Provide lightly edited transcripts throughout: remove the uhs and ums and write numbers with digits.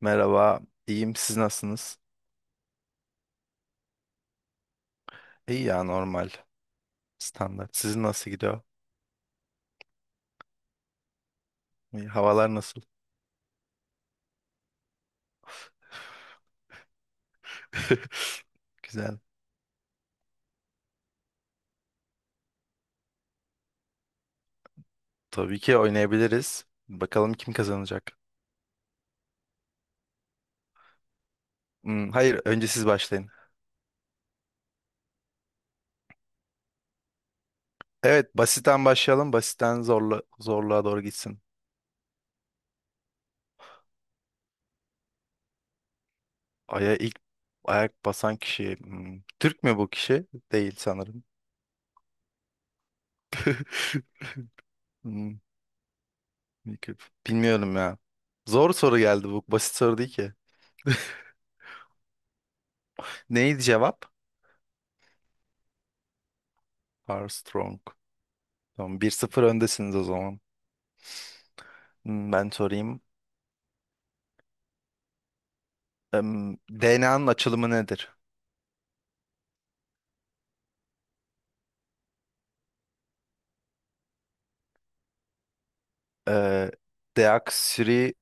Merhaba, iyiyim. Siz nasılsınız? İyi ya normal, standart. Sizin nasıl gidiyor? İyi. Havalar nasıl? Güzel. Tabii ki oynayabiliriz. Bakalım kim kazanacak. Hmm, hayır, önce siz başlayın. Evet, basitten başlayalım. Basitten zorlu, zorluğa doğru gitsin. Aya ilk ayak basan kişi. Türk mü bu kişi? Değil sanırım. Hmm, bilmiyorum Bilmiyorum ya. Zor soru geldi bu. Basit soru değil ki. Neydi cevap? Armstrong. Tamam, 1-0 öndesiniz o zaman. Ben sorayım. DNA'nın açılımı nedir? Ee, deoksiribonukleik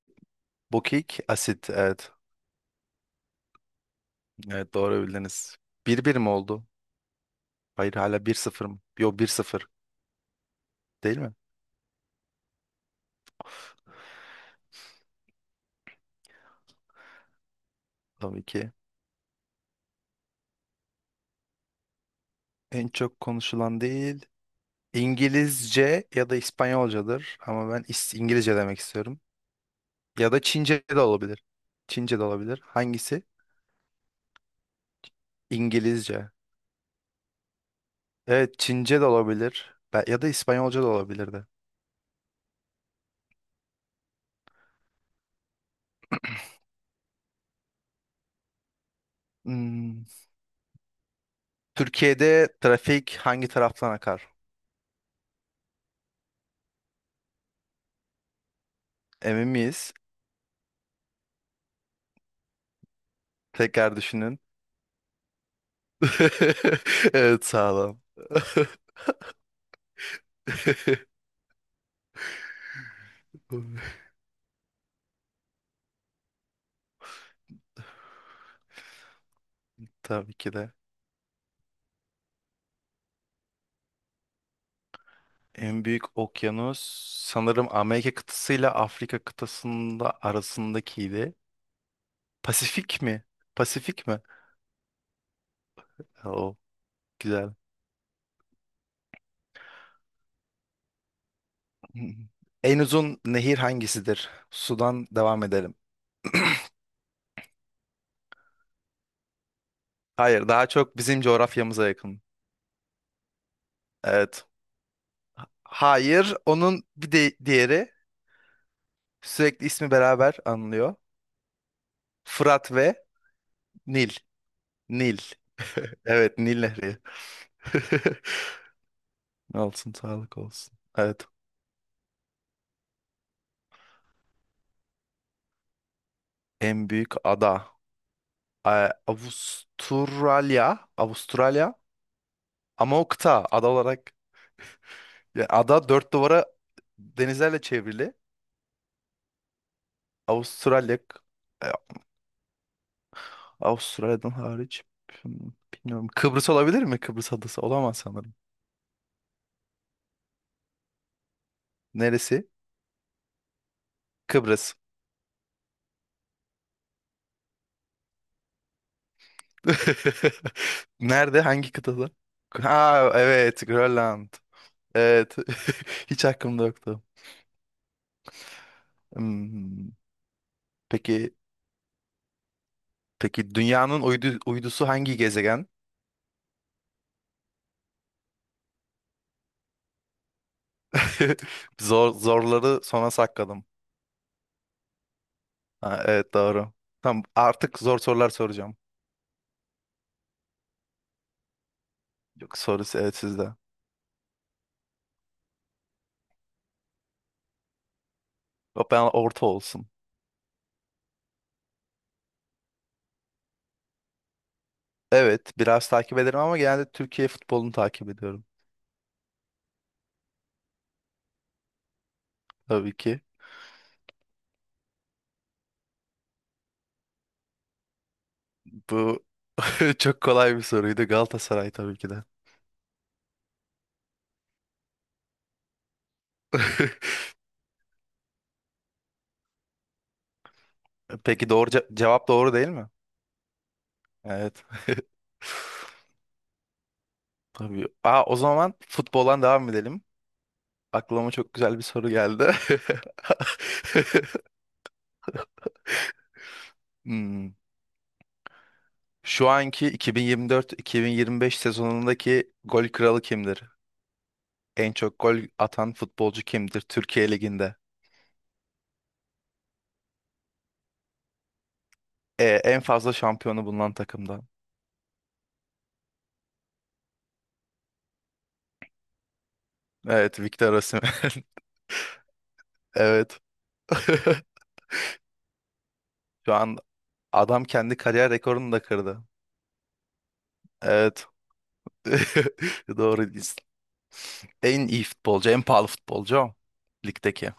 asit. Evet. Evet, doğru bildiniz. 1-1 mi oldu? Hayır, hala 1-0 mı? Yok, 1-0, değil mi? Tabii ki. En çok konuşulan değil. İngilizce ya da İspanyolcadır. Ama ben İngilizce demek istiyorum. Ya da Çince de olabilir. Çince de olabilir. Hangisi? İngilizce. Evet, Çince de olabilir. Ya da İspanyolca da olabilir. Hmm, Türkiye'de trafik hangi taraftan akar? Emin miyiz? Tekrar düşünün. Evet, sağlam. Tabii ki de. En büyük okyanus sanırım Amerika kıtasıyla Afrika kıtasında arasındakiydi. Pasifik mi? Pasifik mi? O güzel. En uzun nehir hangisidir? Sudan devam edelim. Hayır, daha çok bizim coğrafyamıza yakın. Evet. Hayır, onun bir de diğeri. Sürekli ismi beraber anılıyor. Fırat ve Nil. Nil. Evet, Nil Nehri. Olsun, sağlık olsun. Evet. En büyük ada. Ee, Avustralya. Avustralya. Ama o kıta. Ada olarak. Yani ada dört duvara denizlerle çevrili. Avustralya. e, Avustralya'dan hariç. Hmm, Bilmiyorum. Kıbrıs olabilir mi? Kıbrıs adası. Olamaz sanırım. Neresi? Kıbrıs. Nerede? Hangi kıtada? Ha, evet, Grönland. Evet. Hiç aklımda yoktu. Hmm, Peki peki, dünyanın uydusu hangi gezegen? Zorları sona sakladım. Ha, evet, doğru. Tamam, artık zor sorular soracağım. Yok, sorusu evet sizde. Yok, ben orta olsun. Evet, biraz takip ederim ama genelde Türkiye futbolunu takip ediyorum. Tabii ki. Bu çok kolay bir soruydu. Galatasaray tabii ki de. Peki, doğru cevap, doğru değil mi? Evet. Tabii. Aa, o zaman futboldan devam edelim. Aklıma çok güzel bir soru geldi. Hmm. Şu anki 2024-2025 sezonundaki gol kralı kimdir? En çok gol atan futbolcu kimdir Türkiye Ligi'nde? En fazla şampiyonu bulunan takımdan. Evet, Victor Osimhen. Evet. Şu an adam kendi kariyer rekorunu da kırdı. Evet. Doğru. En iyi futbolcu, en pahalı futbolcu o. Ligdeki.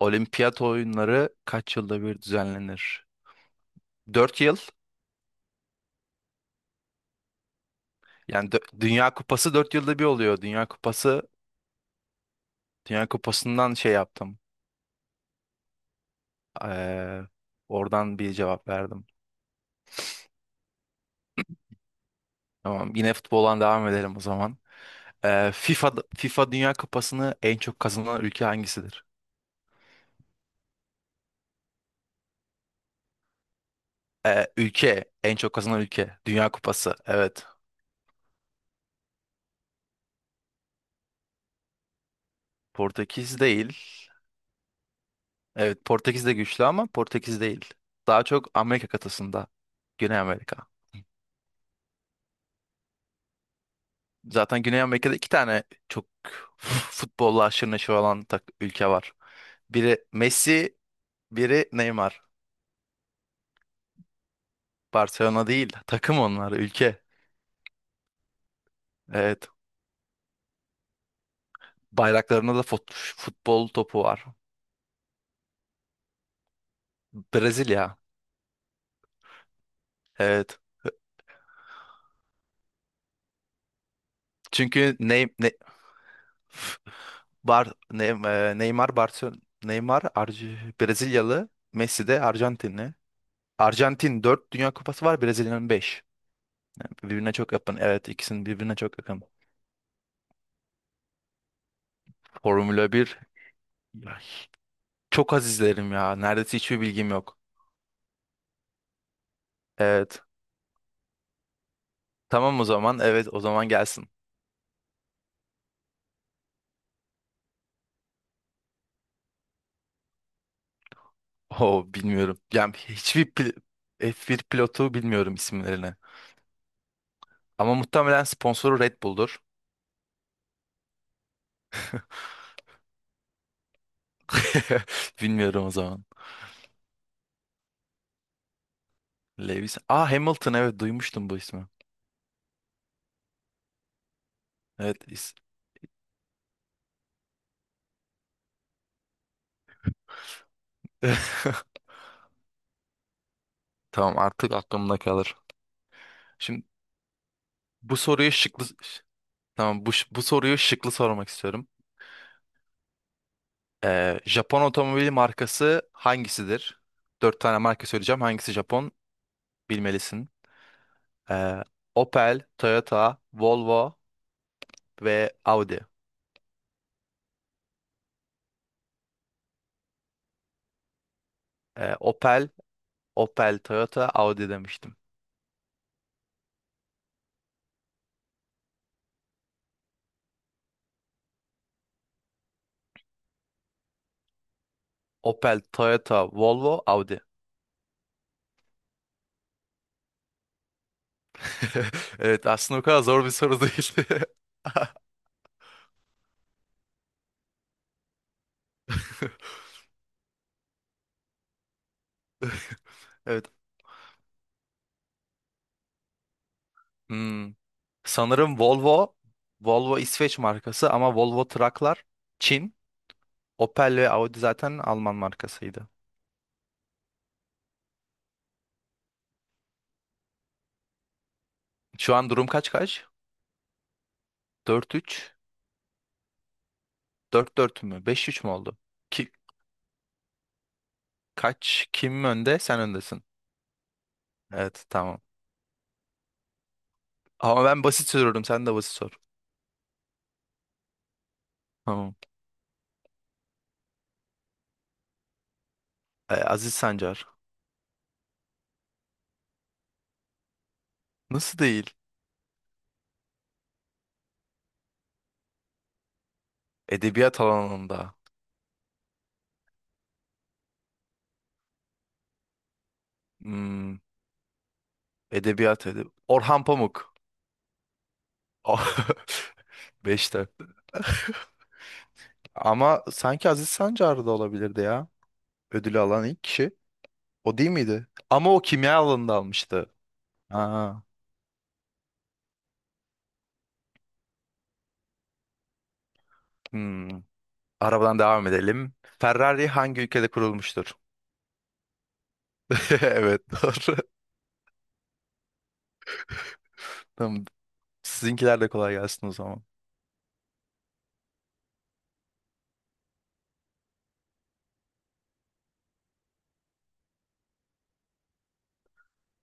Olimpiyat oyunları kaç yılda bir düzenlenir? 4 yıl. Yani Dünya Kupası 4 yılda bir oluyor. Dünya Kupası'ndan şey yaptım. Ee, oradan bir cevap verdim. Tamam, yine futboldan devam edelim o zaman. Ee, FIFA FIFA Dünya Kupası'nı en çok kazanan ülke hangisidir? Ülke, en çok kazanan ülke. Dünya Kupası. Evet. Portekiz değil. Evet, Portekiz de güçlü ama Portekiz değil. Daha çok Amerika kıtasında. Güney Amerika. Zaten Güney Amerika'da iki tane çok futbolla aşırı neşir olan ülke var. Biri Messi, biri Neymar. Barcelona değil, takım onlar, ülke. Evet. Bayraklarında da futbol topu var. Brezilya. Evet. Çünkü Neymar Barcelona Neymar Arj- Brezilyalı, Messi de Arjantinli. Arjantin 4 Dünya Kupası var, Brezilya'nın 5. Yani birbirine çok yakın. Evet, ikisinin birbirine çok yakın. Formula bir. Ya, çok az izlerim ya. Neredeyse hiçbir bilgim yok. Evet. Tamam, o zaman. Evet, o zaman gelsin. Oo, bilmiyorum. Yani hiçbir F1 pilotu bilmiyorum isimlerini. Ama muhtemelen sponsoru Red Bull'dur. Bilmiyorum o zaman. Lewis. Aa, Hamilton, evet, duymuştum bu ismi. Evet. Tamam, artık aklımda kalır. Şimdi bu soruyu şıklı Tamam, bu soruyu şıklı sormak istiyorum. Japon otomobili markası hangisidir? Dört tane marka söyleyeceğim. Hangisi Japon? Bilmelisin. Ee, Opel, Toyota, Volvo ve Audi. Ee, Opel, Opel, Toyota, Audi demiştim. Opel, Toyota, Volvo, Audi. Evet, aslında o kadar zor bir soru değil. Evet. Hmm. Sanırım Volvo İsveç markası ama Volvo Trucklar Çin. Opel ve Audi zaten Alman markasıydı. Şu an durum kaç kaç? 4-3, 4-4 mü? 5-3 mü oldu? Ki, kaç? Kim önde? Sen öndesin. Evet, tamam. Ama ben basit soruyorum, sen de basit sor. Tamam. Aziz Sancar. Nasıl değil? Edebiyat alanında. Hmm, edebiyat edeb Orhan Pamuk. Beşte. Ama sanki Aziz Sancar da olabilirdi ya. Ödülü alan ilk kişi. O değil miydi? Ama o kimya alanında almıştı. Aa, hmm. Arabadan devam edelim. Ferrari hangi ülkede kurulmuştur? Evet, doğru. Tamam. Sizinkiler de kolay gelsin o zaman.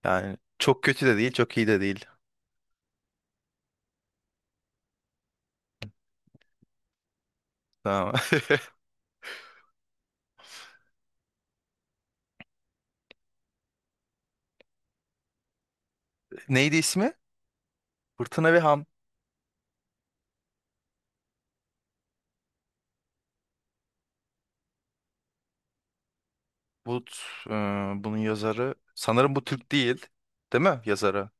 Yani çok kötü de değil, çok iyi de değil. Tamam. Neydi ismi? Fırtına ve Ham. Bu, t- e, bunun yazarı. Sanırım bu Türk değil. Değil mi yazarı?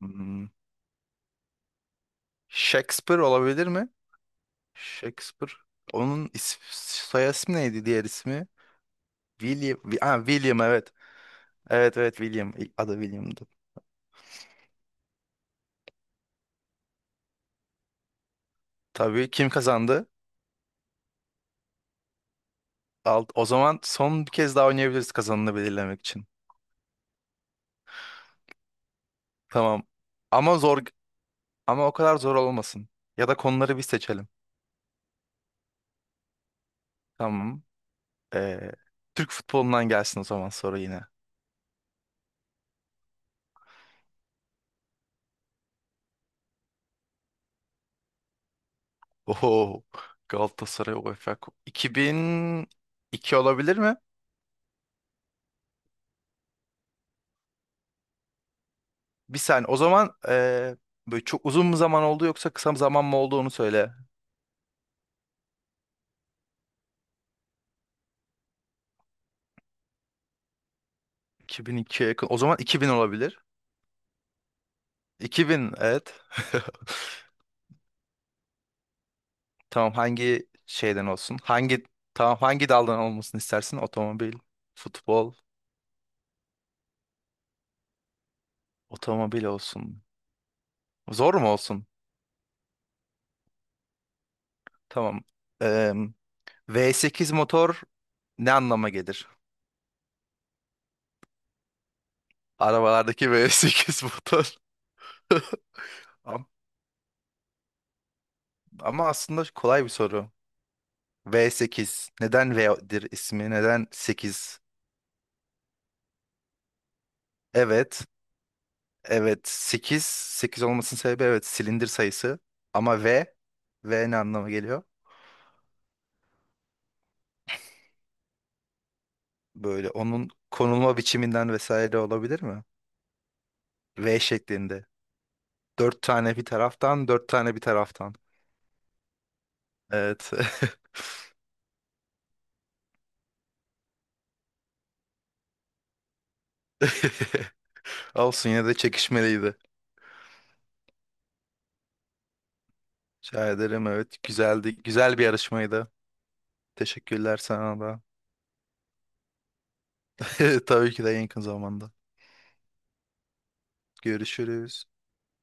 Hmm. Shakespeare olabilir mi? Shakespeare. Onun soy ismi neydi, diğer ismi? William. Ha, William, evet. Evet, evet, William. İlk adı William'dı. Tabii, kim kazandı? O zaman son bir kez daha oynayabiliriz kazanını belirlemek için. Tamam. Ama zor ama o kadar zor olmasın. Ya da konuları bir seçelim. Tamam. Ee, Türk futbolundan gelsin o zaman soru yine. Oho. Galatasaray UEFA 2002 olabilir mi? Bir saniye. O zaman böyle çok uzun mu zaman oldu yoksa kısa bir zaman mı oldu onu söyle. 2002'ye yakın. O zaman 2000 olabilir. 2000, evet. Tamam, hangi şeyden olsun? Tamam, hangi daldan olmasını istersin? Otomobil, futbol, otomobil olsun. Zor mu olsun? Tamam. Eee, V8 motor ne anlama gelir? Arabalardaki V8 motor. Am- Ama aslında kolay bir soru. V8. Neden V'dir ismi? Neden 8? Evet. Evet. 8. 8 olmasının sebebi, evet, silindir sayısı. Ama V. V ne anlama geliyor? Böyle onun konulma biçiminden vesaire olabilir mi? V şeklinde. Dört tane bir taraftan, dört tane bir taraftan. Evet. Olsun, yine de çekişmeliydi. Rica ederim, evet. Güzeldi. Güzel bir yarışmaydı. Teşekkürler sana da. Tabii ki de, en yakın zamanda. Görüşürüz.